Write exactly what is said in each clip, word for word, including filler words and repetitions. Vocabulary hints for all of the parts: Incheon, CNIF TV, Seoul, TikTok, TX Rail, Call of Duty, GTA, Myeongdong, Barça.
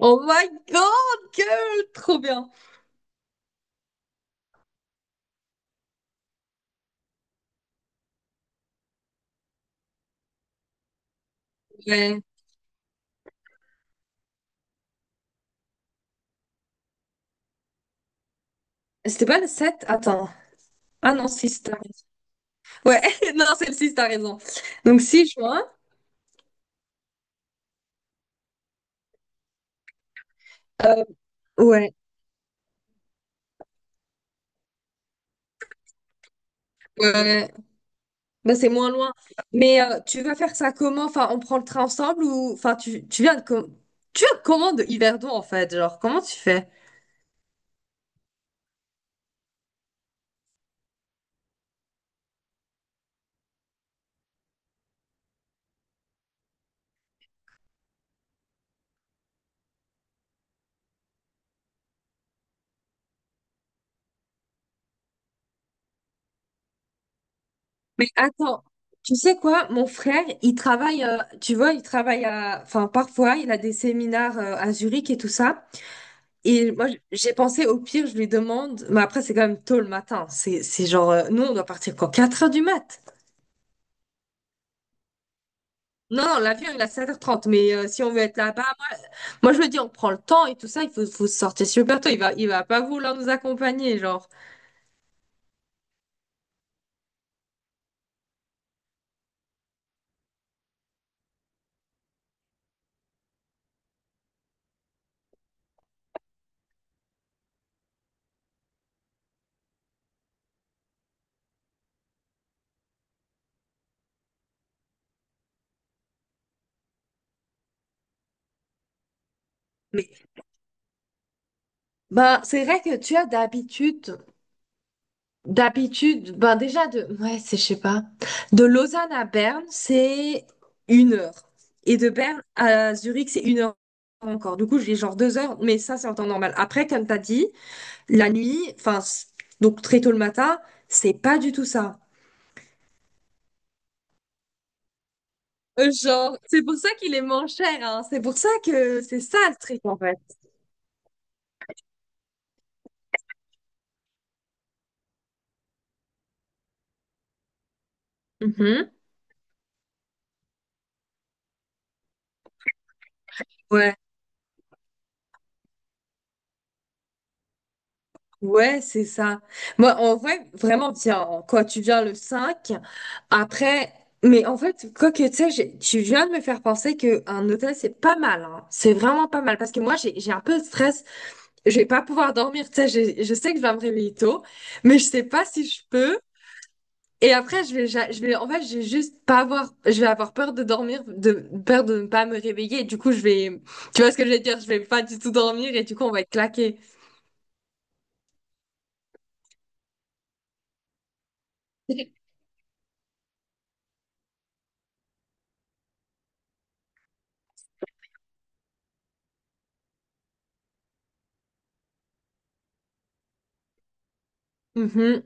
Oh my god, girl! Trop bien. Ouais. C'était pas le sept. Attends. Ah non, six. T'as raison. Ouais, non, c'est le six. T'as raison. Donc six juin. euh, ouais. Ouais. Bah, c'est moins loin. Mais euh, tu vas faire ça comment? Enfin, on prend le train ensemble ou. Enfin, tu, tu viens de... com- Tu viens de comment de Yverdon, en fait? Genre, comment tu fais? Mais attends, tu sais quoi? Mon frère, il travaille, euh, tu vois, il travaille à. Enfin, parfois, il a des séminaires euh, à Zurich et tout ça. Et moi, j'ai pensé au pire, je lui demande, mais après, c'est quand même tôt le matin. C'est, c'est genre, euh, nous, on doit partir quand quatre heures du mat. Non, non, l'avion, il est à sept heures trente, mais euh, si on veut être là-bas, moi, je me dis, on prend le temps et tout ça, il faut, faut sortir super tôt. Il va, il va pas vouloir nous accompagner, genre. Mais, ben, c'est vrai que tu as d'habitude, d'habitude, ben, déjà de, ouais, c'est, je sais pas, de Lausanne à Berne, c'est une heure. Et de Berne à Zurich, c'est une heure encore. Du coup, j'ai genre deux heures, mais ça, c'est en temps normal. Après, comme t'as dit, la nuit, enfin, c- donc très tôt le matin, c'est pas du tout ça. Euh, Genre, c'est pour ça qu'il est moins cher, hein. C'est pour ça que c'est ça le trick, en fait. Mhm. Ouais, ouais, c'est ça. Moi, en vrai, vraiment, tiens, quoi tu viens le cinq après, mais en fait, quoi que tu sais, j'ai- tu viens de me faire penser qu'un hôtel, c'est pas mal, hein. C'est vraiment pas mal, parce que moi, j'ai, j'ai un peu de stress. Je vais pas pouvoir dormir, tu sais, j'ai- je sais que je vais me réveiller tôt, mais je sais pas si je peux. Et après, je vais, ja- je vais, en fait, je vais juste pas avoir, je vais avoir peur de dormir, de peur de ne pas me réveiller. Et du coup, je vais, tu vois ce que je vais dire, je vais pas du tout dormir et du coup, on va être claqué. Mhm.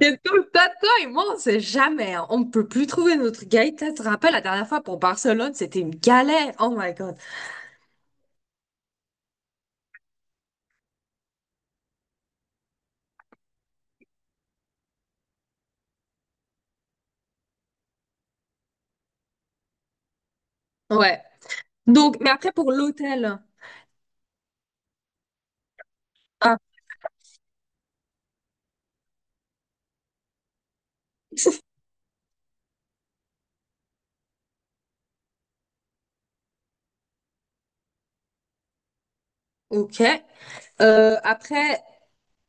C'est tout le tas de toi et moi, on sait jamais, hein. On ne peut plus trouver notre guide. Tu te rappelles, la dernière fois pour Barcelone, c'était une galère. Oh my God. Ouais. Donc, mais après, pour l'hôtel. Ah, ok. Euh, après,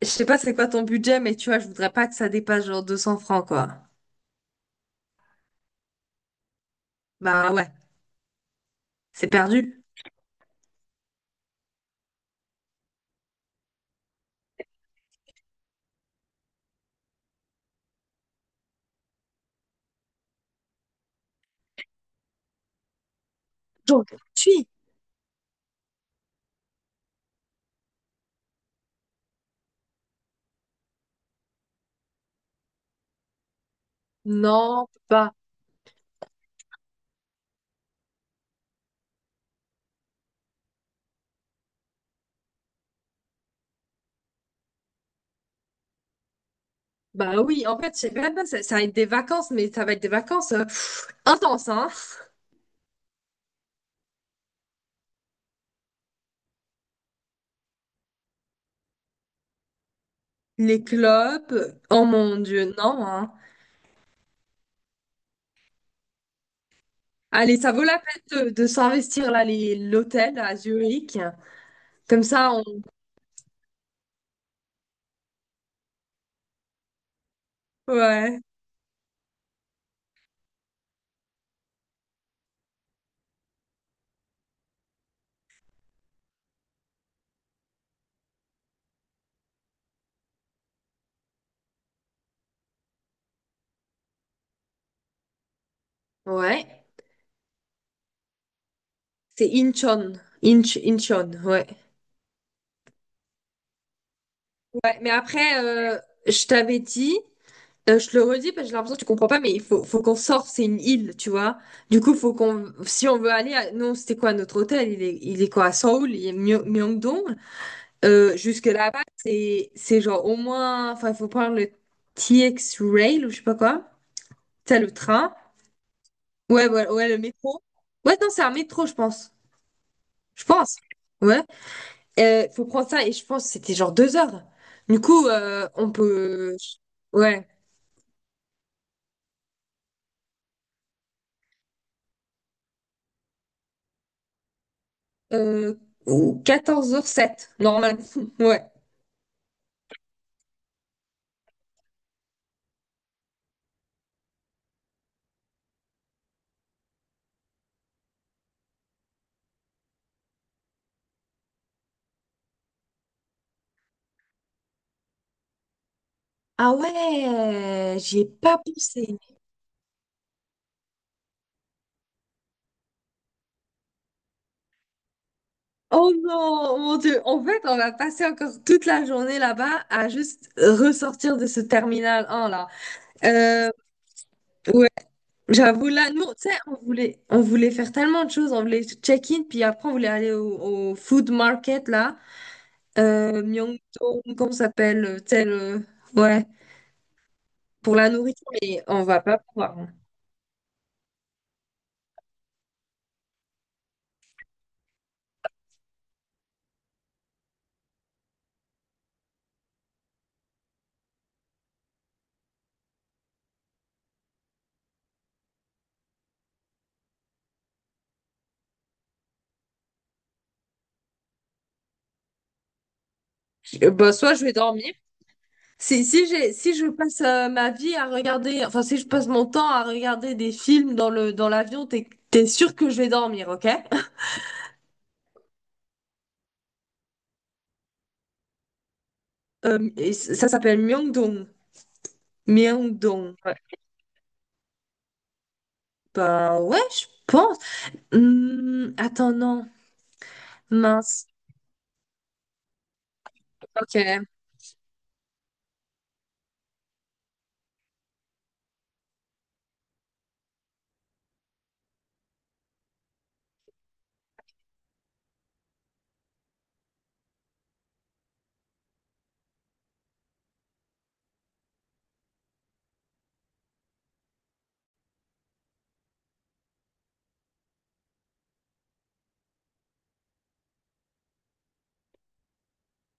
je sais pas c'est quoi ton budget, mais tu vois, je voudrais pas que ça dépasse genre deux cents francs, quoi. Bah ouais, c'est perdu. J'aurais tué. Non, pas. Bah oui, en fait, je sais même pas, ça, ça va être des vacances, mais ça va être des vacances euh, pff, intenses, hein. Les clubs, oh mon Dieu, non, hein. Allez, ça vaut la peine de, de s'investir là, les, l'hôtel à Zurich. Comme ça, on. Ouais. Ouais. C'est Incheon. Inch, Incheon, ouais. Ouais, mais après, euh, je t'avais dit, euh, je te le redis parce que j'ai l'impression que tu comprends pas, mais il faut, faut qu'on sorte, c'est une île, tu vois. Du coup, faut qu'on, si on veut aller, à... Non, c'était quoi notre hôtel? Il est, il est quoi à Seoul, il est Myo- Myeongdong. Euh, jusque là-bas, c'est, c'est genre au moins, enfin, il faut prendre le T X Rail ou je sais pas quoi. T'as le train. Ouais, ouais, ouais, le métro. Ouais, non, c'est un métro, je pense. Je pense. Ouais. Euh, faut prendre ça et je pense que c'était genre deux heures. Du coup, euh, on peut. Ouais. Euh, quatorze heures sept, normalement. Ouais. Ah ouais, j'y ai pas pensé. Oh non, mon Dieu. En fait, on va passer encore toute la journée là-bas à juste ressortir de ce terminal un là. Euh, ouais, j'avoue là, nous, tu sais, on voulait, on voulait faire tellement de choses. On voulait check-in, puis après on voulait aller au, au food market là, euh, Myeongdong, comment ça s'appelle, tel, ouais, pour la nourriture. Mais on va pas pouvoir, hein. Je- bah, soit je vais dormir. Si, si j'ai, si je passe euh, ma vie à regarder, enfin, si je passe mon temps à regarder des films dans le, dans l'avion, t'es, t'es sûr que je vais dormir, ok? Euh, et c- ça s'appelle Myeongdong. Myeongdong. Ouais. Bah ouais, je pense. Hmm, attends, non. Mince. Ok.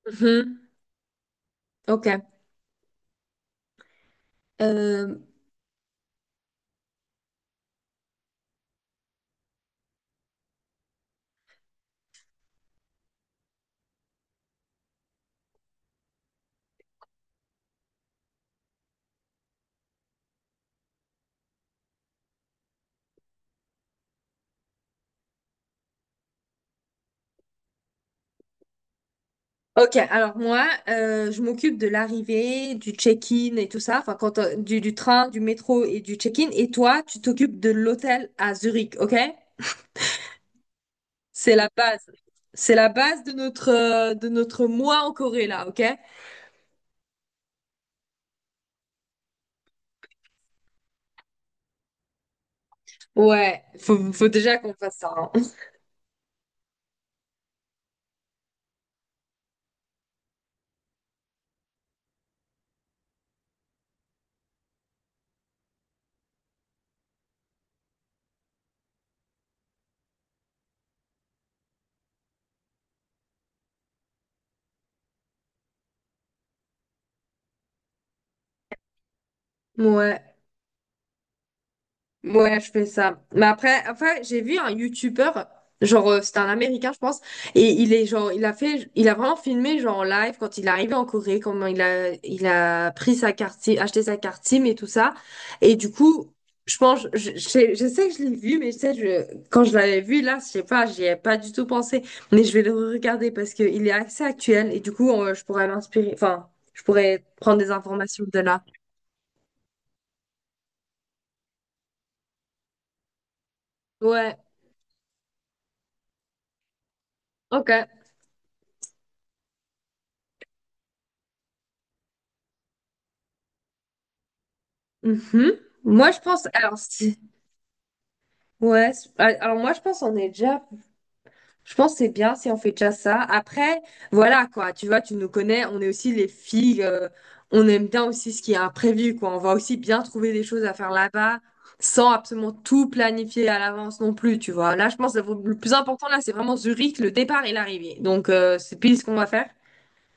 Mhm. Ok. Euh, ok, alors moi, euh, je m'occupe de l'arrivée, du check-in et tout ça, enfin, quand, euh, du, du train, du métro et du check-in. Et toi, tu t'occupes de l'hôtel à Zurich, ok? C'est la base. C'est la base de notre, euh, de notre mois en Corée, là, ok? Ouais, faut, faut déjà qu'on fasse ça, hein. Ouais. Ouais, je fais ça. Mais après, après, j'ai vu un youtubeur, genre euh, c'était un Américain, je pense, et il est genre, il a fait, il a vraiment filmé genre en live quand il est arrivé en Corée, comment il a, il a pris sa carte SIM, acheté sa carte SIM et tout ça. Et du coup, je pense, je, je sais je sais que je l'ai vu, mais je sais, je, quand je l'avais vu là, je sais pas, j'y ai pas du tout pensé. Mais je vais le regarder parce que il est assez actuel et du coup, euh, je pourrais m'inspirer, enfin, je pourrais prendre des informations de là. Ouais, ok. Mhm. Moi, je pense, alors, si, ouais, c'est- ah, alors moi, je pense on est déjà, je pense que c'est bien si on fait déjà ça. Après, voilà, quoi, tu vois, tu nous connais, on est aussi les filles, euh, on aime bien aussi ce qui est imprévu, quoi. On va aussi bien trouver des choses à faire là-bas, sans absolument tout planifier à l'avance non plus, tu vois. Là, je pense que le plus important, là, c'est vraiment Zurich, le départ et l'arrivée. Donc, euh, c'est pile ce qu'on va faire.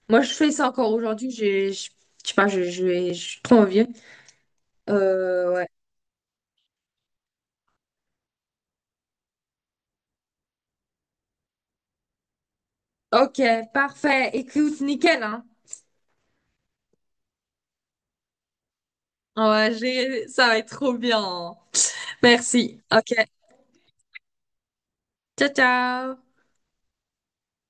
Moi, je fais ça encore aujourd'hui, j'ai, je je sais pas, je, je, vais- je suis trop envie. Euh, ouais. Ok, parfait. Écoute, nickel, hein? Ouais, j'ai... ça va être trop bien. Merci. Ok, ciao, ciao.